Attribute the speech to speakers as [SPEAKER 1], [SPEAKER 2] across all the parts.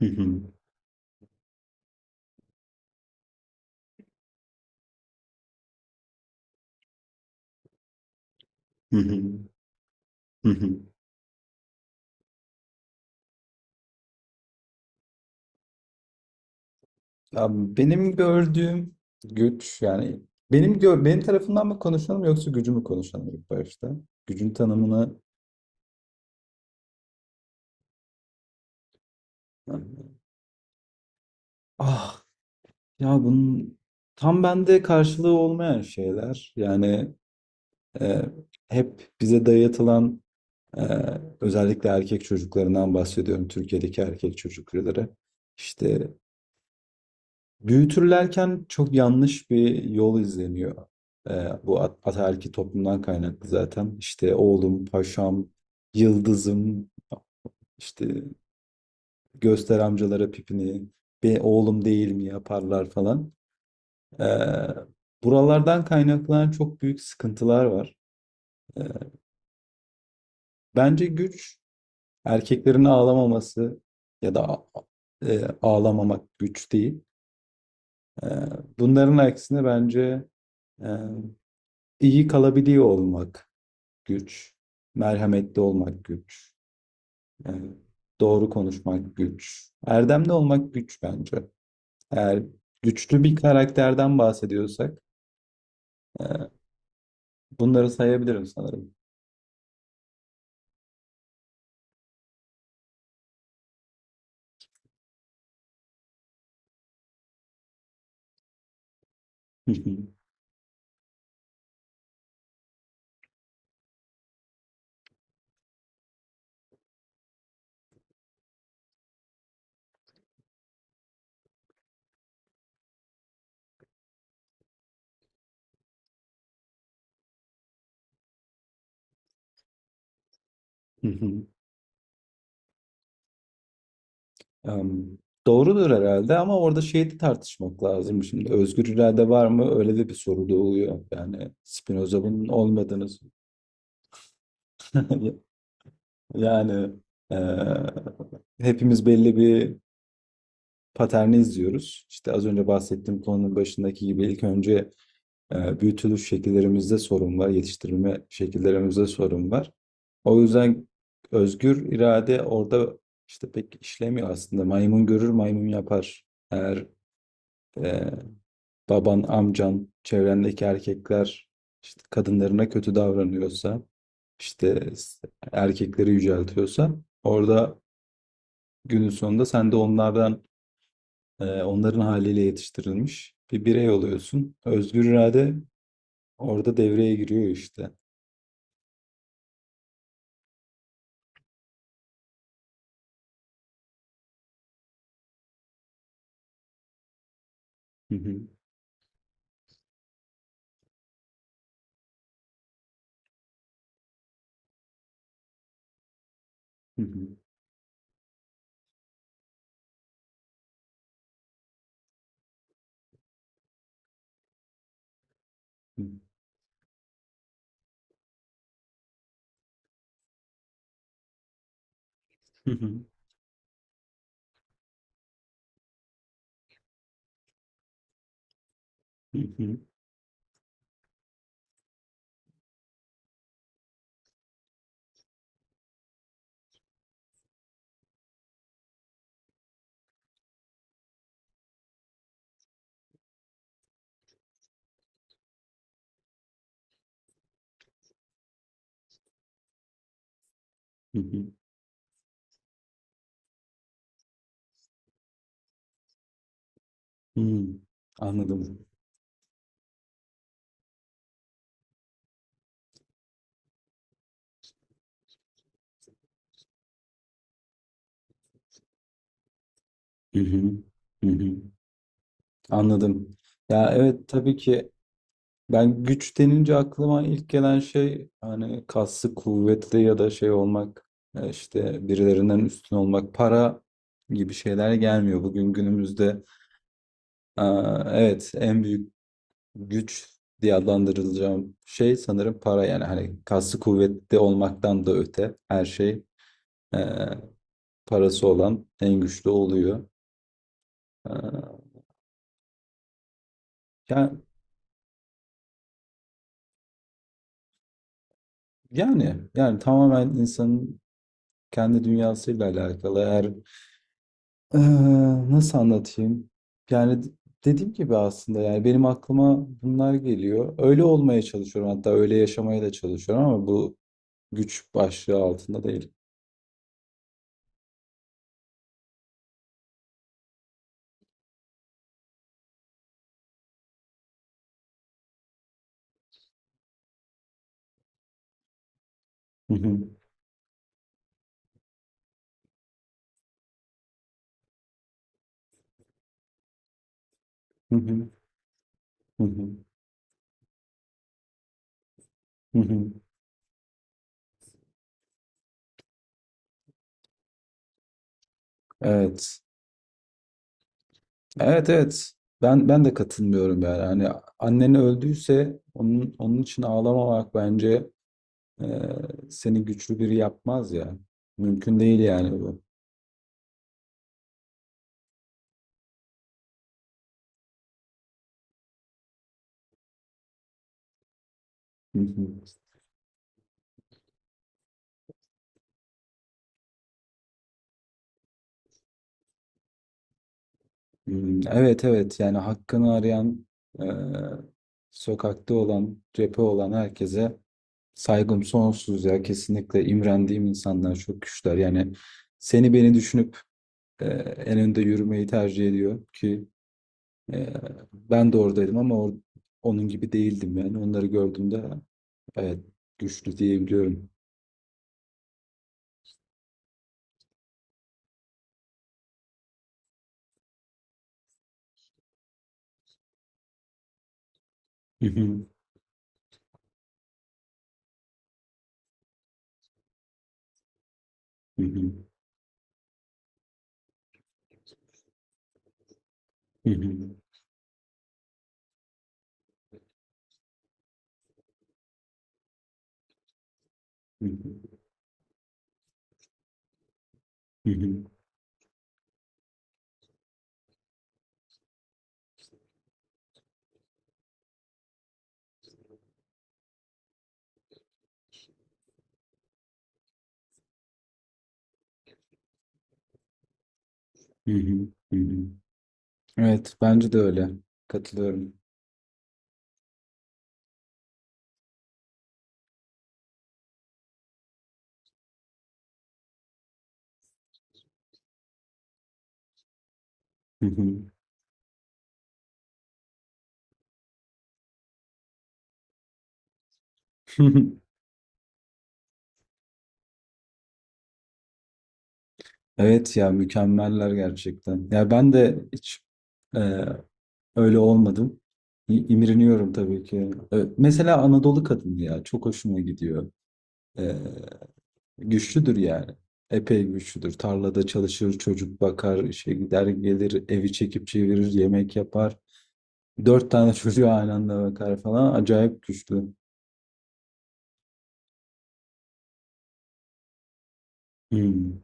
[SPEAKER 1] Hı hı. Hı hı. Hı hı. Ya benim gördüğüm güç yani benim tarafından mı konuşalım yoksa gücü mü konuşalım ilk başta? Gücün tanımını yani ah ya bunun tam bende karşılığı olmayan şeyler yani e, hep bize dayatılan, e, özellikle erkek çocuklarından bahsediyorum, Türkiye'deki erkek çocukları işte büyütürlerken çok yanlış bir yol izleniyor. Bu ataerkil toplumdan kaynaklı zaten. İşte oğlum, paşam, yıldızım, işte göster amcalara pipini, be oğlum değil mi yaparlar falan. Ee, Buralardan kaynaklanan çok büyük sıkıntılar var. Ee, Bence güç erkeklerin ağlamaması ya da ağlamamak güç değil. Ee, Bunların aksine bence... e, İyi kalabiliyor olmak güç, merhametli olmak güç, yani doğru konuşmak güç, erdemli olmak güç bence. Eğer güçlü bir karakterden bahsediyorsak e, bunları sayabilirim sanırım. Em, Doğrudur herhalde ama orada şeyi de tartışmak lazım. Şimdi özgür irade var mı? Öyle de bir soru doğuyor. Yani Spinoza bunun olmadığını yani e, hepimiz belli bir paterni izliyoruz. İşte az önce bahsettiğim konunun başındaki gibi ilk önce büyütülüş şekillerimizde sorun var, yetiştirilme şekillerimizde sorun var. O yüzden özgür irade orada işte pek işlemiyor aslında. Maymun görür, maymun yapar. Eğer e, baban, amcan, çevrendeki erkekler işte kadınlarına kötü davranıyorsa, işte erkekleri yüceltiyorsa, orada günün sonunda sen de onlardan onların haliyle yetiştirilmiş bir birey oluyorsun. Özgür irade orada devreye giriyor işte. Hı hı, hı hı, hı hı, hı hı, hı hı, hı. Anladım. Hı hı, hı hı. Anladım. Ya evet, tabii ki ben güç denince aklıma ilk gelen şey hani kaslı kuvvetli ya da şey olmak, işte birilerinden üstün olmak, para gibi şeyler gelmiyor. Bugün günümüzde aa, evet, en büyük güç diye adlandırılacağım şey sanırım para. Yani hani kaslı kuvvetli olmaktan da öte her şey, e, parası olan en güçlü oluyor. E, ya- yani yani tamamen insanın kendi dünyasıyla alakalı. Eğer e, nasıl anlatayım? Yani dediğim gibi aslında, yani benim aklıma bunlar geliyor. Öyle olmaya çalışıyorum, hatta öyle yaşamaya da çalışıyorum, ama bu güç başlığı altında değil. Hı hı, hı hı, hı hı, hı hı. Evet. Evet, evet. Ben de katılmıyorum yani. Hani annen öldüyse onun için ağlamamak bence e, seni güçlü biri yapmaz ya. Mümkün değil yani bu. Hı hı. Hmm, evet, evet. Yani hakkını arayan, e, sokakta olan, cephe olan herkese saygım sonsuz ya, kesinlikle imrendiğim insanlar, çok güçler yani. Seni beni düşünüp e, en önde yürümeyi tercih ediyor ki Ee, ben de oradaydım ama onun gibi değildim yani. Onları gördüğümde evet, güçlü diyebiliyorum. Hı hı, hı hı, hı hı, hı hı, hı hı, hı hı, hı hı. Evet, bence de öyle. Katılıyorum. Hı hı. Evet ya, mükemmeller gerçekten. Ya ben de hiç e, öyle olmadım. İmreniyorum tabii ki. E, mesela Anadolu kadını ya, çok hoşuma gidiyor. E, güçlüdür yani. Epey güçlüdür. Tarlada çalışır, çocuk bakar, işe gider gelir, evi çekip çevirir, yemek yapar. Dört tane çocuğu aynı anda bakar falan. Acayip güçlü. Hmm,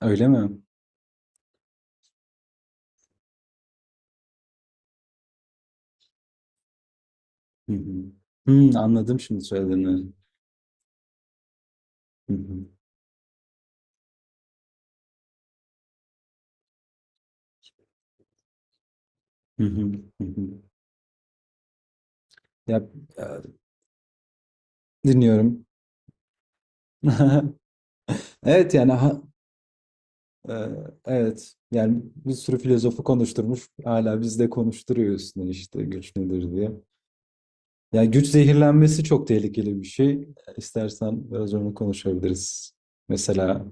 [SPEAKER 1] öyle mi? Hı hı. Hmm, anladım şimdi söylediğini. Hı hı, hı hı, hı hı. Ya, e, dinliyorum. Evet yani e, evet yani bir sürü filozofu konuşturmuş. Hala biz de konuşturuyor üstüne, işte güç nedir diye. Ya, güç zehirlenmesi çok tehlikeli bir şey. İstersen biraz onu konuşabiliriz. Mesela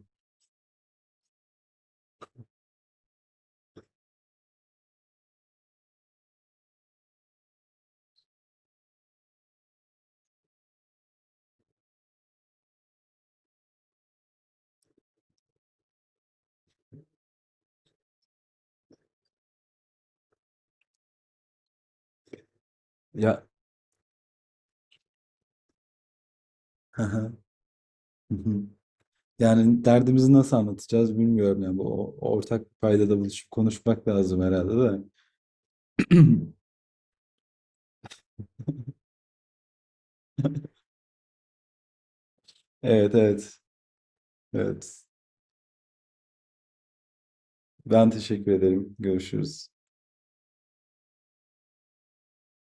[SPEAKER 1] ya hı hı. Yani derdimizi nasıl anlatacağız bilmiyorum ya. Bu ortak bir paydada buluşup konuşmak lazım herhalde de. Evet, evet. Evet. Ben teşekkür ederim. Görüşürüz.